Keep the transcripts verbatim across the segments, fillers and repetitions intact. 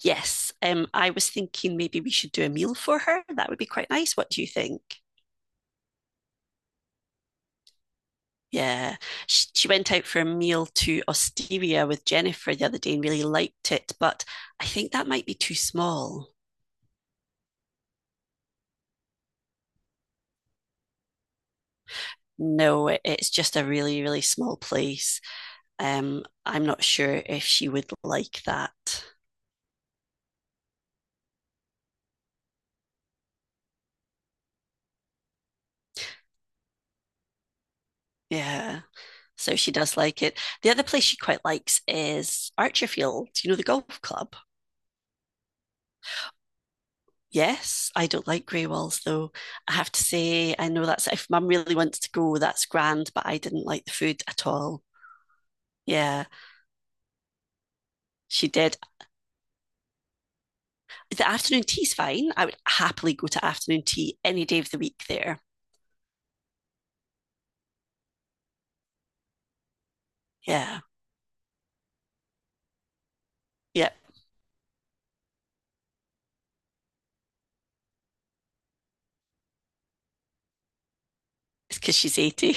Yes, um, I was thinking maybe we should do a meal for her. That would be quite nice. What do you think? Yeah, she, she went out for a meal to Osteria with Jennifer the other day and really liked it, but I think that might be too small. No, it- it's just a really, really small place. Um, I'm not sure if she would like that. Yeah, so she does like it. The other place she quite likes is Archerfield, you know, the golf club. Yes, I don't like grey walls though. I have to say, I know that's if mum really wants to go, that's grand, but I didn't like the food at all. Yeah, she did. The afternoon tea's fine. I would happily go to afternoon tea any day of the week there. Yeah, yeah, it's because she's eighty.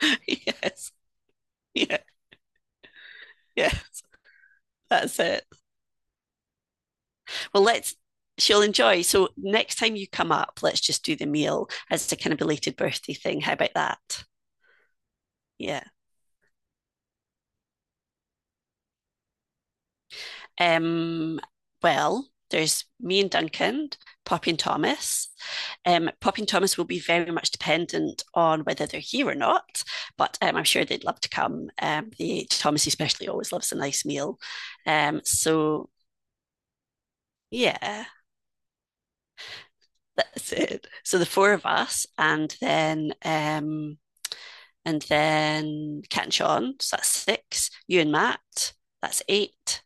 Yes, yeah, yeah, that's it. Well, let's. She'll enjoy. So next time you come up, let's just do the meal as a kind of belated birthday thing. How about that? Yeah. Um, well, there's me and Duncan, Poppy and Thomas. Um, Poppy and Thomas will be very much dependent on whether they're here or not, but um, I'm sure they'd love to come. Um, they, Thomas especially always loves a nice meal. Um, so yeah, that's it. So the four of us, and then um, and then Cat and Sean, so that's six. You and Matt, that's eight.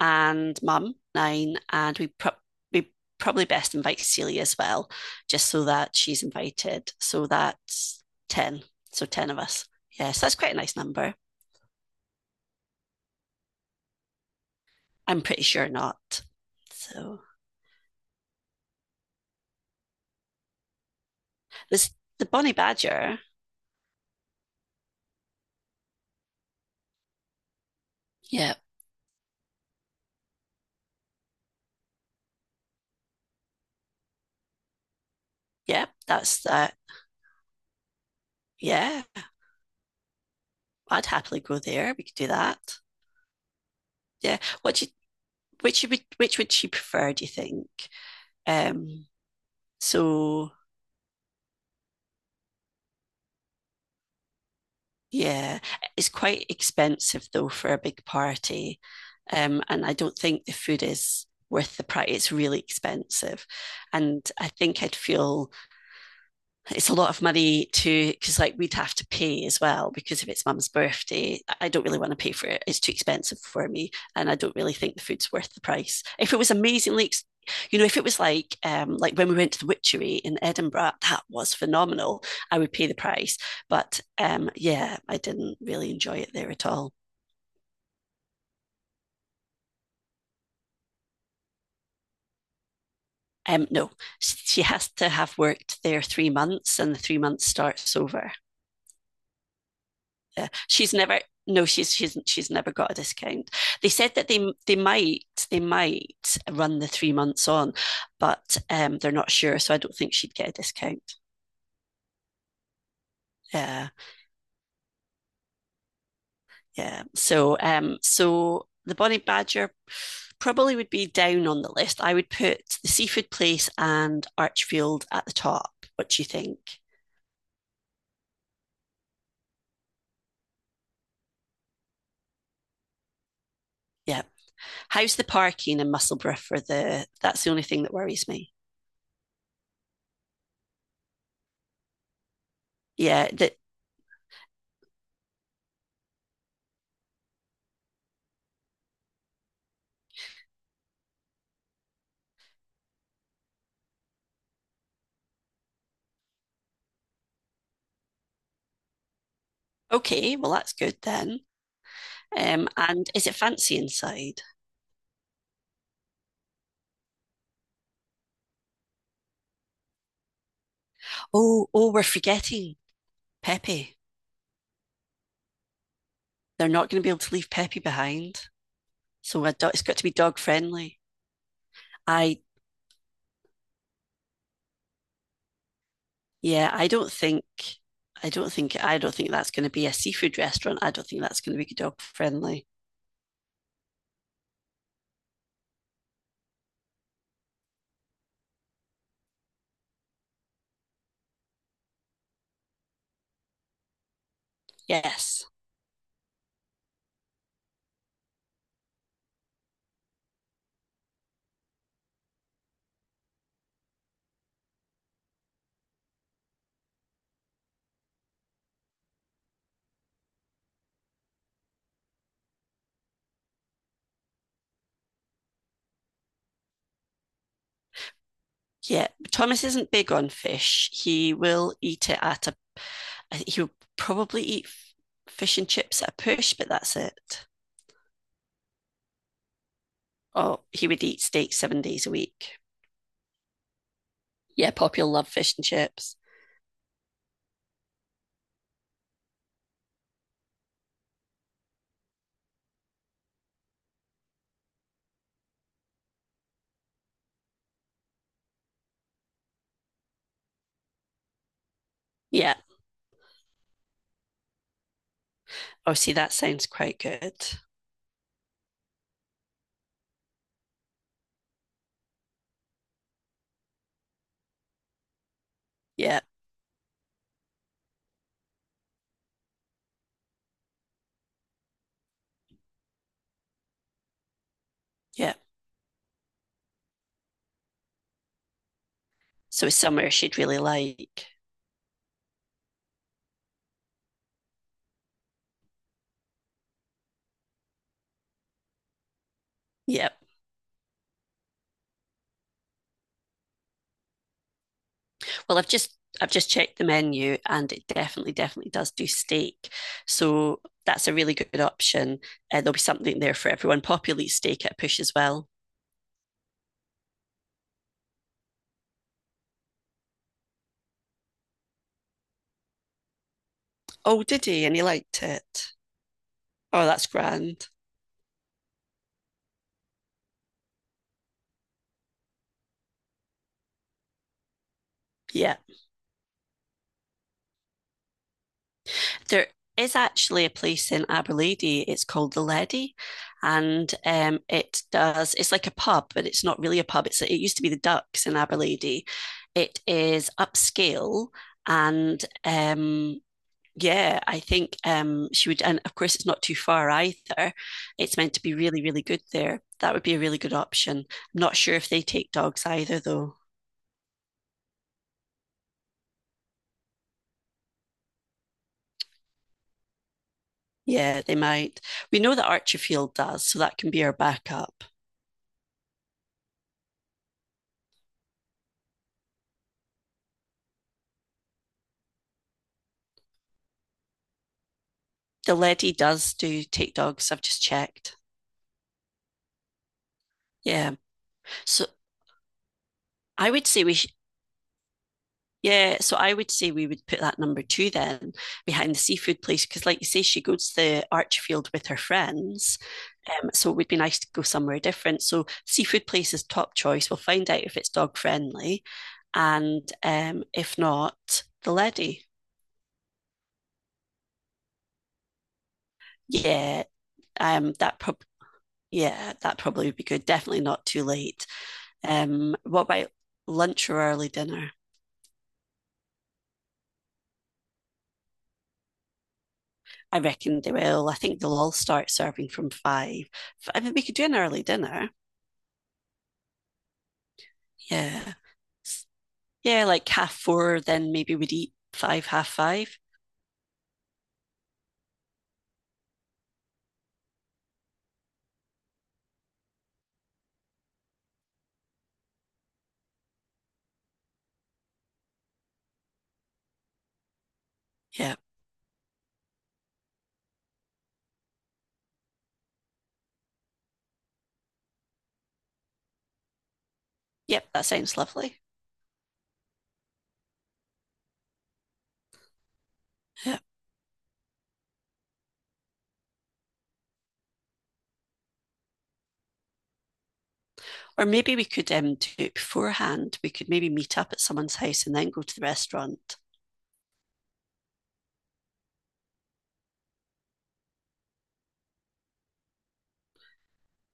And mum, nine, and we pro- we probably best invite Celia as well, just so that she's invited. So that's ten. So ten of us. Yeah, so that's quite a nice number. I'm pretty sure not. So this the Bonnie Badger. Yeah, yeah, that's that. Uh, Yeah, I'd happily go there. We could do that. Yeah, what do you, which would which would she prefer? Do you think? Um, so Yeah, it's quite expensive though for a big party. Um, and I don't think the food is worth the price. It's really expensive. And I think I'd feel it's a lot of money to, because like we'd have to pay as well, because if it's mum's birthday, I don't really want to pay for it. It's too expensive for me, and I don't really think the food's worth the price. If it was amazingly, you know, if it was like um like when we went to the Witchery in Edinburgh, that was phenomenal. I would pay the price, but um yeah, I didn't really enjoy it there at all. Um, no, she has to have worked there three months and the three months starts over. Uh, she's never No, she's she's she's never got a discount. They said that they they might, they might run the three months on, but um, they're not sure, so I don't think she'd get a discount. Yeah, yeah, so um so the Bonnie Badger probably would be down on the list. I would put the seafood place and Archfield at the top. What do you think? Yeah, how's the parking in Musselburgh for the, that's the only thing that worries me. Yeah that Okay, well, that's good then. Um, and is it fancy inside? Oh, oh, we're forgetting Pepe. They're not going to be able to leave Pepe behind. So a do- it's got to be dog friendly. I, yeah, I don't think, I don't think, I don't think that's going to be a seafood restaurant. I don't think that's going to be dog friendly. Yes. Yeah. Thomas isn't big on fish. He will eat it at a, he'll probably eat fish and chips at a push, but that's it. Oh, he would eat steak seven days a week. Yeah, Poppy will love fish and chips. Yeah. Oh, see, that sounds quite good. Yeah. Yeah. So it's somewhere she'd really like. Yeah. Well, I've just I've just checked the menu and it definitely, definitely does do steak. So that's a really good option. Uh, there'll be something there for everyone. Poppy will eat steak at a push as well. Oh, did he? And he liked it. Oh, that's grand. Yeah. There is actually a place in Aberlady. It's called the Lady, and um, it does. It's like a pub, but it's not really a pub. It's it used to be the Ducks in Aberlady. It is upscale, and um, yeah, I think um, she would. And of course, it's not too far either. It's meant to be really, really good there. That would be a really good option. I'm not sure if they take dogs either, though. Yeah, they might. We know that Archerfield does, so that can be our backup. The Lady does do take dogs, I've just checked. Yeah. So I would say we sh yeah. So I would say we would put that number two then behind the seafood place because, like you say, she goes to the Archfield with her friends. Um, so it would be nice to go somewhere different. So seafood place is top choice. We'll find out if it's dog friendly, and um, if not, the Lady. Yeah. Um. That prob Yeah. That probably would be good. Definitely not too late. Um. What about lunch or early dinner? I reckon they will. I think they'll all start serving from five. I mean, we could do an early dinner. Yeah. Yeah, like half four, then maybe we'd eat five, half five. Yeah. Yep, that sounds lovely. Yeah. Or maybe we could um do it beforehand. We could maybe meet up at someone's house and then go to the restaurant.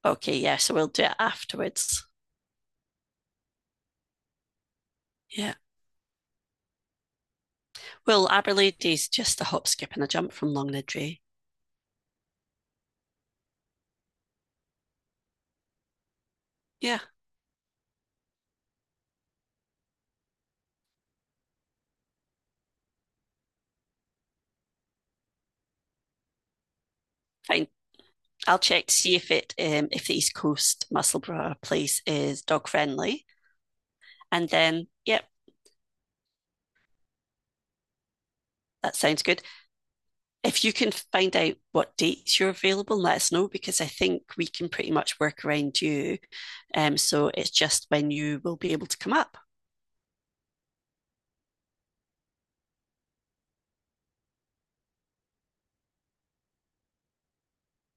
Okay, yeah, so we'll do it afterwards. Yeah. Well, Aberlady's just a hop, skip, and a jump from Longniddry. Yeah, fine. I'll check to see if it um if the East Coast Musselburgh place is dog friendly. And then, yep, that sounds good. If you can find out what dates you're available, let us know because I think we can pretty much work around you. Um, so it's just when you will be able to come up.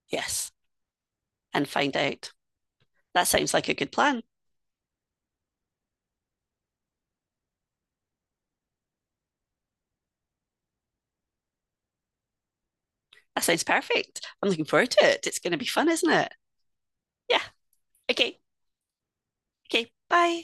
Yes, and find out. That sounds like a good plan. That sounds perfect. I'm looking forward to it. It's going to be fun, isn't it? Yeah. Okay. Okay. Bye.